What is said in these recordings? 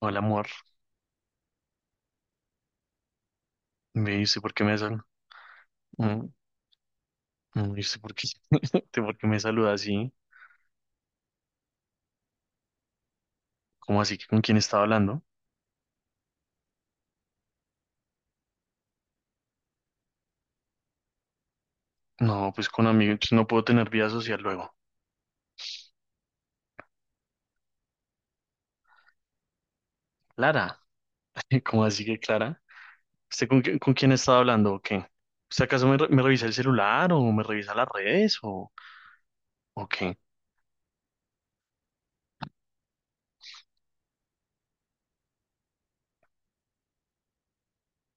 Hola, amor. Me dice por qué me sal... mm, me dice por qué... de por qué me saluda así. ¿Cómo así que con quién estaba hablando? No, pues con amigos. No puedo tener vida social luego. Clara. ¿Cómo así que Clara? ¿Usted con quién estaba hablando o qué? ¿Usted acaso me revisa el celular o me revisa las redes o qué?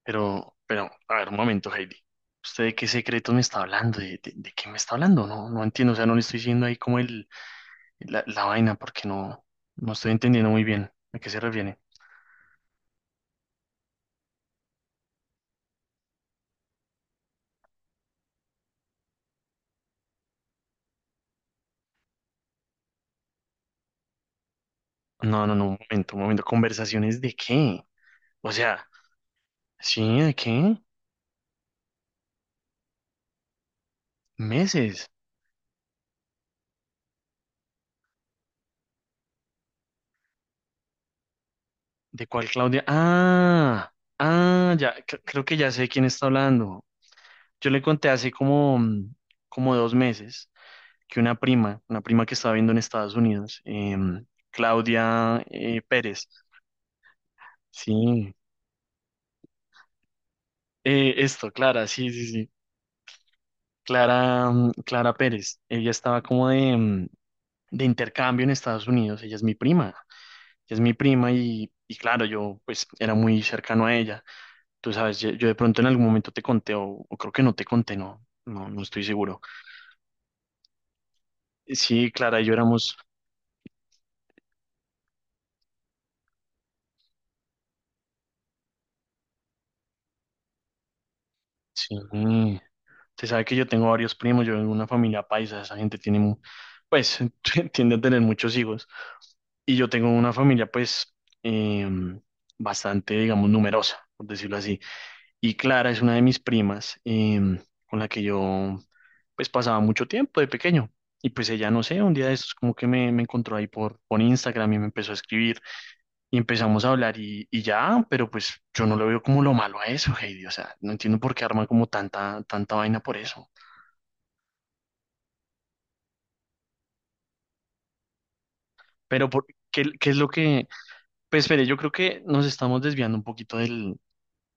Pero, a ver, un momento, Heidi. ¿Usted de qué secreto me está hablando? ¿De qué me está hablando? No, no entiendo. O sea, no le estoy diciendo ahí como la vaina porque no, no estoy entendiendo muy bien a qué se refiere. No, no, no, un momento, un momento. ¿Conversaciones de qué? O sea, sí, ¿de qué? ¿Meses? ¿De cuál Claudia? Ah, ya, creo que ya sé quién está hablando. Yo le conté hace como 2 meses que una prima que estaba viendo en Estados Unidos, Claudia Pérez, sí, esto, Clara, sí, sí, sí, Clara Pérez, ella estaba como de intercambio en Estados Unidos, ella es mi prima. Que es mi prima y claro, yo pues era muy cercano a ella. Tú sabes, yo de pronto en algún momento te conté o creo que no te conté, no, no, no estoy seguro. Sí, Clara y yo éramos, sí, usted sabe que yo tengo varios primos, yo vengo de una familia paisa, esa gente tiene, pues tiende a tener muchos hijos y yo tengo una familia pues eh, bastante, digamos, numerosa, por decirlo así. Y Clara es una de mis primas, con la que yo pues pasaba mucho tiempo de pequeño. Y pues ella, no sé, un día de estos como que me encontró ahí por Instagram y me empezó a escribir y empezamos a hablar y ya, pero pues yo no le veo como lo malo a eso, Heidi. O sea, no entiendo por qué arman como tanta, tanta vaina por eso. Pero por, ¿qué es lo que... Pues espere, yo creo que nos estamos desviando un poquito del,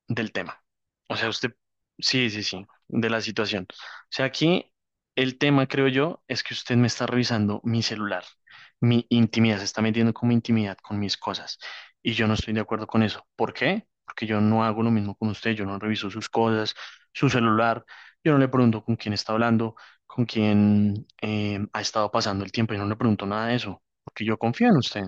del tema. O sea, usted, sí, sí, sí, de la situación. O sea, aquí el tema, creo yo, es que usted me está revisando mi celular, mi intimidad, se está metiendo con mi intimidad, con mis cosas. Y yo no estoy de acuerdo con eso. ¿Por qué? Porque yo no hago lo mismo con usted, yo no reviso sus cosas, su celular, yo no le pregunto con quién está hablando, con quién ha estado pasando el tiempo, yo no le pregunto nada de eso, porque yo confío en usted.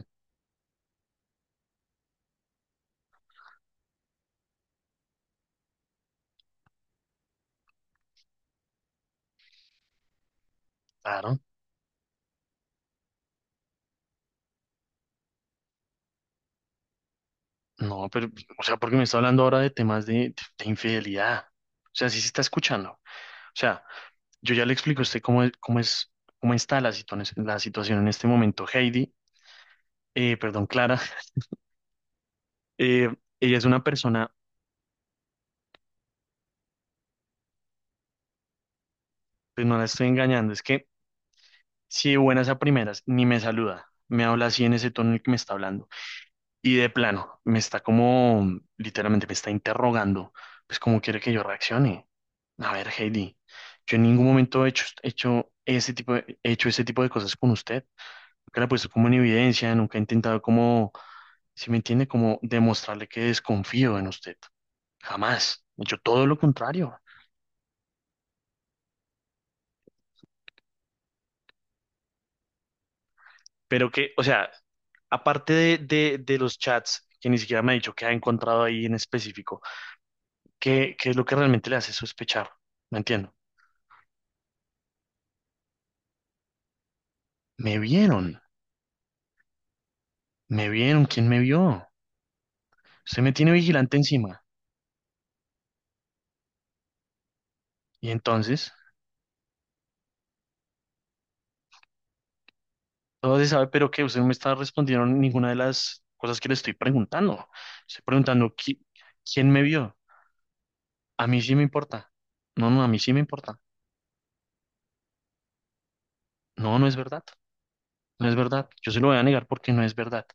Claro. No, pero, o sea, porque me está hablando ahora de temas de infidelidad. O sea, sí se está escuchando. O sea, yo ya le explico a usted cómo está la situación en este momento. Heidi, perdón, Clara, eh, ella es una persona, pues no la estoy engañando, es que si de buenas a primeras ni me saluda, me habla así en ese tono en el que me está hablando. Y de plano, me está como, literalmente me está interrogando, pues cómo quiere que yo reaccione. A ver, Heidi, yo en ningún momento he hecho, hecho ese tipo de, he hecho ese tipo de cosas con usted. Nunca la he puesto como en evidencia, nunca he intentado como, si me entiende, como demostrarle que desconfío en usted. Jamás. He hecho todo lo contrario. Pero que, o sea, aparte de los chats, que ni siquiera me ha dicho que ha encontrado ahí en específico, ¿qué es lo que realmente le hace sospechar? No entiendo. Me vieron. Me vieron, ¿quién me vio? Usted me tiene vigilante encima. Y entonces, todo se sabe, pero que usted no me está respondiendo ninguna de las cosas que le estoy preguntando. Estoy preguntando, ¿qui- ¿quién me vio? A mí sí me importa. No, no, a mí sí me importa. No, no es verdad. No es verdad. Yo se lo voy a negar porque no es verdad.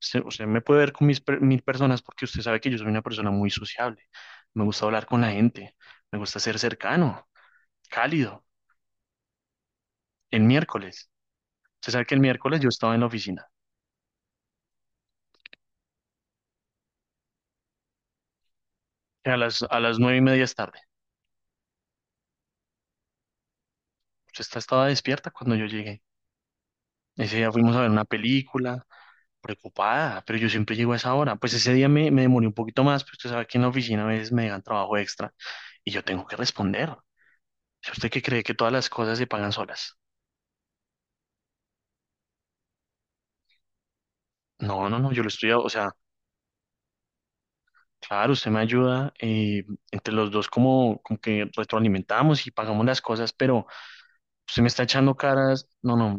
Usted me puede ver con mis mil personas porque usted sabe que yo soy una persona muy sociable. Me gusta hablar con la gente. Me gusta ser cercano, cálido. El miércoles. Usted sabe que el miércoles yo estaba en la oficina. A las 9:30 es tarde. Esta estaba despierta cuando yo llegué. Ese día fuimos a ver una película, preocupada, pero yo siempre llego a esa hora. Pues ese día me demoré un poquito más, pero usted sabe que en la oficina a veces me dan trabajo extra y yo tengo que responder. ¿Es usted que cree que todas las cosas se pagan solas? No, no, no, yo lo estoy, o sea, claro, usted me ayuda, entre los dos como, como que retroalimentamos y pagamos las cosas, pero usted me está echando caras. No, no,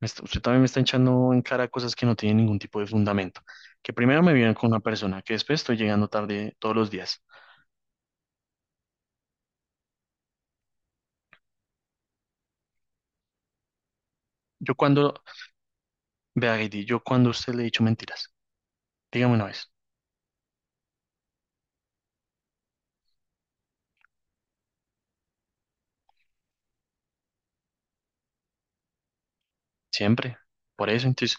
Usted también me está echando en cara cosas que no tienen ningún tipo de fundamento. Que primero me viven con una persona, que después estoy llegando tarde todos los días. Yo cuando, vea, Heidi, yo cuando a usted le he dicho mentiras, dígame una vez, siempre. Por eso, entonces,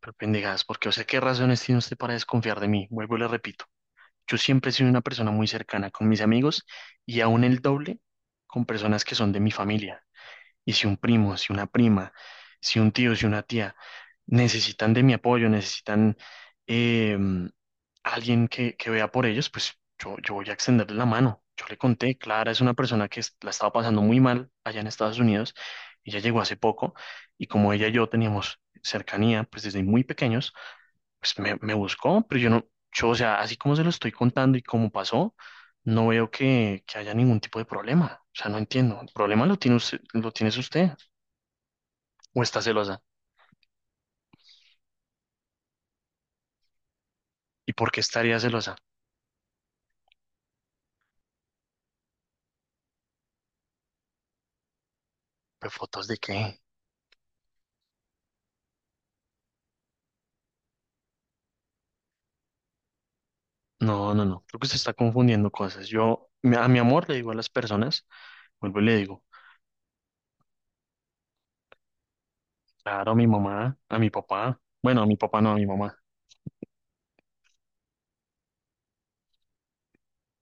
pero pendejadas, porque, o sea, ¿qué razones tiene usted para desconfiar de mí? Vuelvo y le repito, yo siempre he sido una persona muy cercana con mis amigos y aún el doble con personas que son de mi familia. Y si un primo, si una prima, si un tío, si una tía necesitan de mi apoyo, necesitan eh, alguien que vea por ellos, pues yo voy a extenderle la mano. Yo le conté, Clara es una persona que la estaba pasando muy mal allá en Estados Unidos, ella llegó hace poco y como ella y yo teníamos cercanía, pues desde muy pequeños, pues me buscó, pero yo no, yo, o sea, así como se lo estoy contando y cómo pasó, no veo que haya ningún tipo de problema. O sea, no entiendo. El problema lo tiene usted, lo tienes usted o está celosa. ¿Y por qué estaría celosa? ¿Pues fotos de qué? No, no, no. Creo que se está confundiendo cosas. Yo a mi amor le digo a las personas, vuelvo y le digo, claro, a mi mamá, a mi papá. Bueno, a mi papá no, a mi mamá.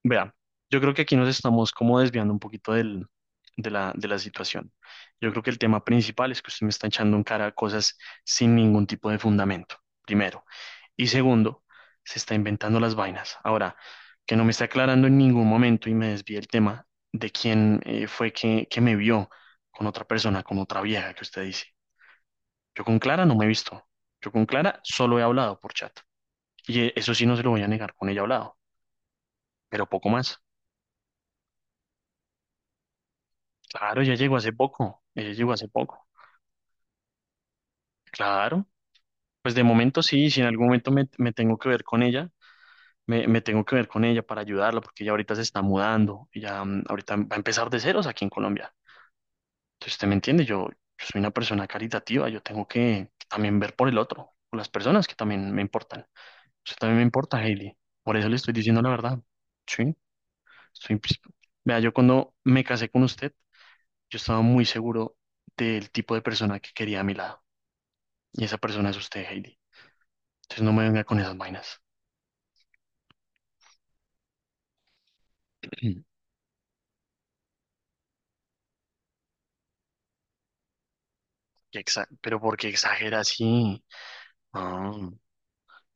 Vea, yo creo que aquí nos estamos como desviando un poquito de la situación. Yo creo que el tema principal es que usted me está echando en cara cosas sin ningún tipo de fundamento. Primero. Y segundo, se está inventando las vainas. Ahora, que no me está aclarando en ningún momento y me desvía el tema de quién fue que me vio con otra persona, con otra vieja que usted dice. Yo con Clara no me he visto. Yo con Clara solo he hablado por chat. Y eso sí no se lo voy a negar, con ella he hablado, pero poco más. Claro, ella llegó hace poco. Ella llegó hace poco. Claro. Pues de momento sí, si en algún momento me tengo que ver con ella, me tengo que ver con ella para ayudarla, porque ella ahorita se está mudando, ella ahorita va a empezar de ceros aquí en Colombia. Entonces, usted me entiende, yo soy una persona caritativa, yo tengo que también ver por el otro, por las personas que también me importan. Usted también me importa, Hailey. Por eso le estoy diciendo la verdad. Sí, soy... psi-. Vea, yo cuando me casé con usted, yo estaba muy seguro del tipo de persona que quería a mi lado. Y esa persona es usted, Hailey. Entonces no me venga con esas vainas. Pero ¿por qué exagera así? No,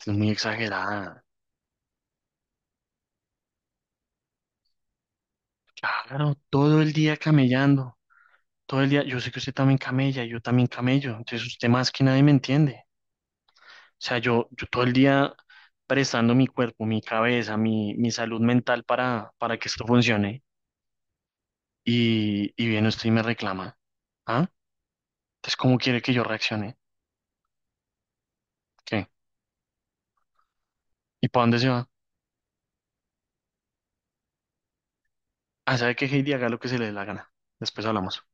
es muy exagerada. Claro, todo el día camellando, todo el día. Yo sé que usted también camella, yo también camello, entonces usted más que nadie me entiende. O sea, yo todo el día prestando mi cuerpo, mi cabeza, mi salud mental para que esto funcione y viene usted y me reclama. ¿Ah? Entonces, ¿cómo quiere que yo reaccione? ¿Qué? ¿Y para dónde se va? Ah, sabe que Heidi, haga lo que se le dé la gana. Después hablamos.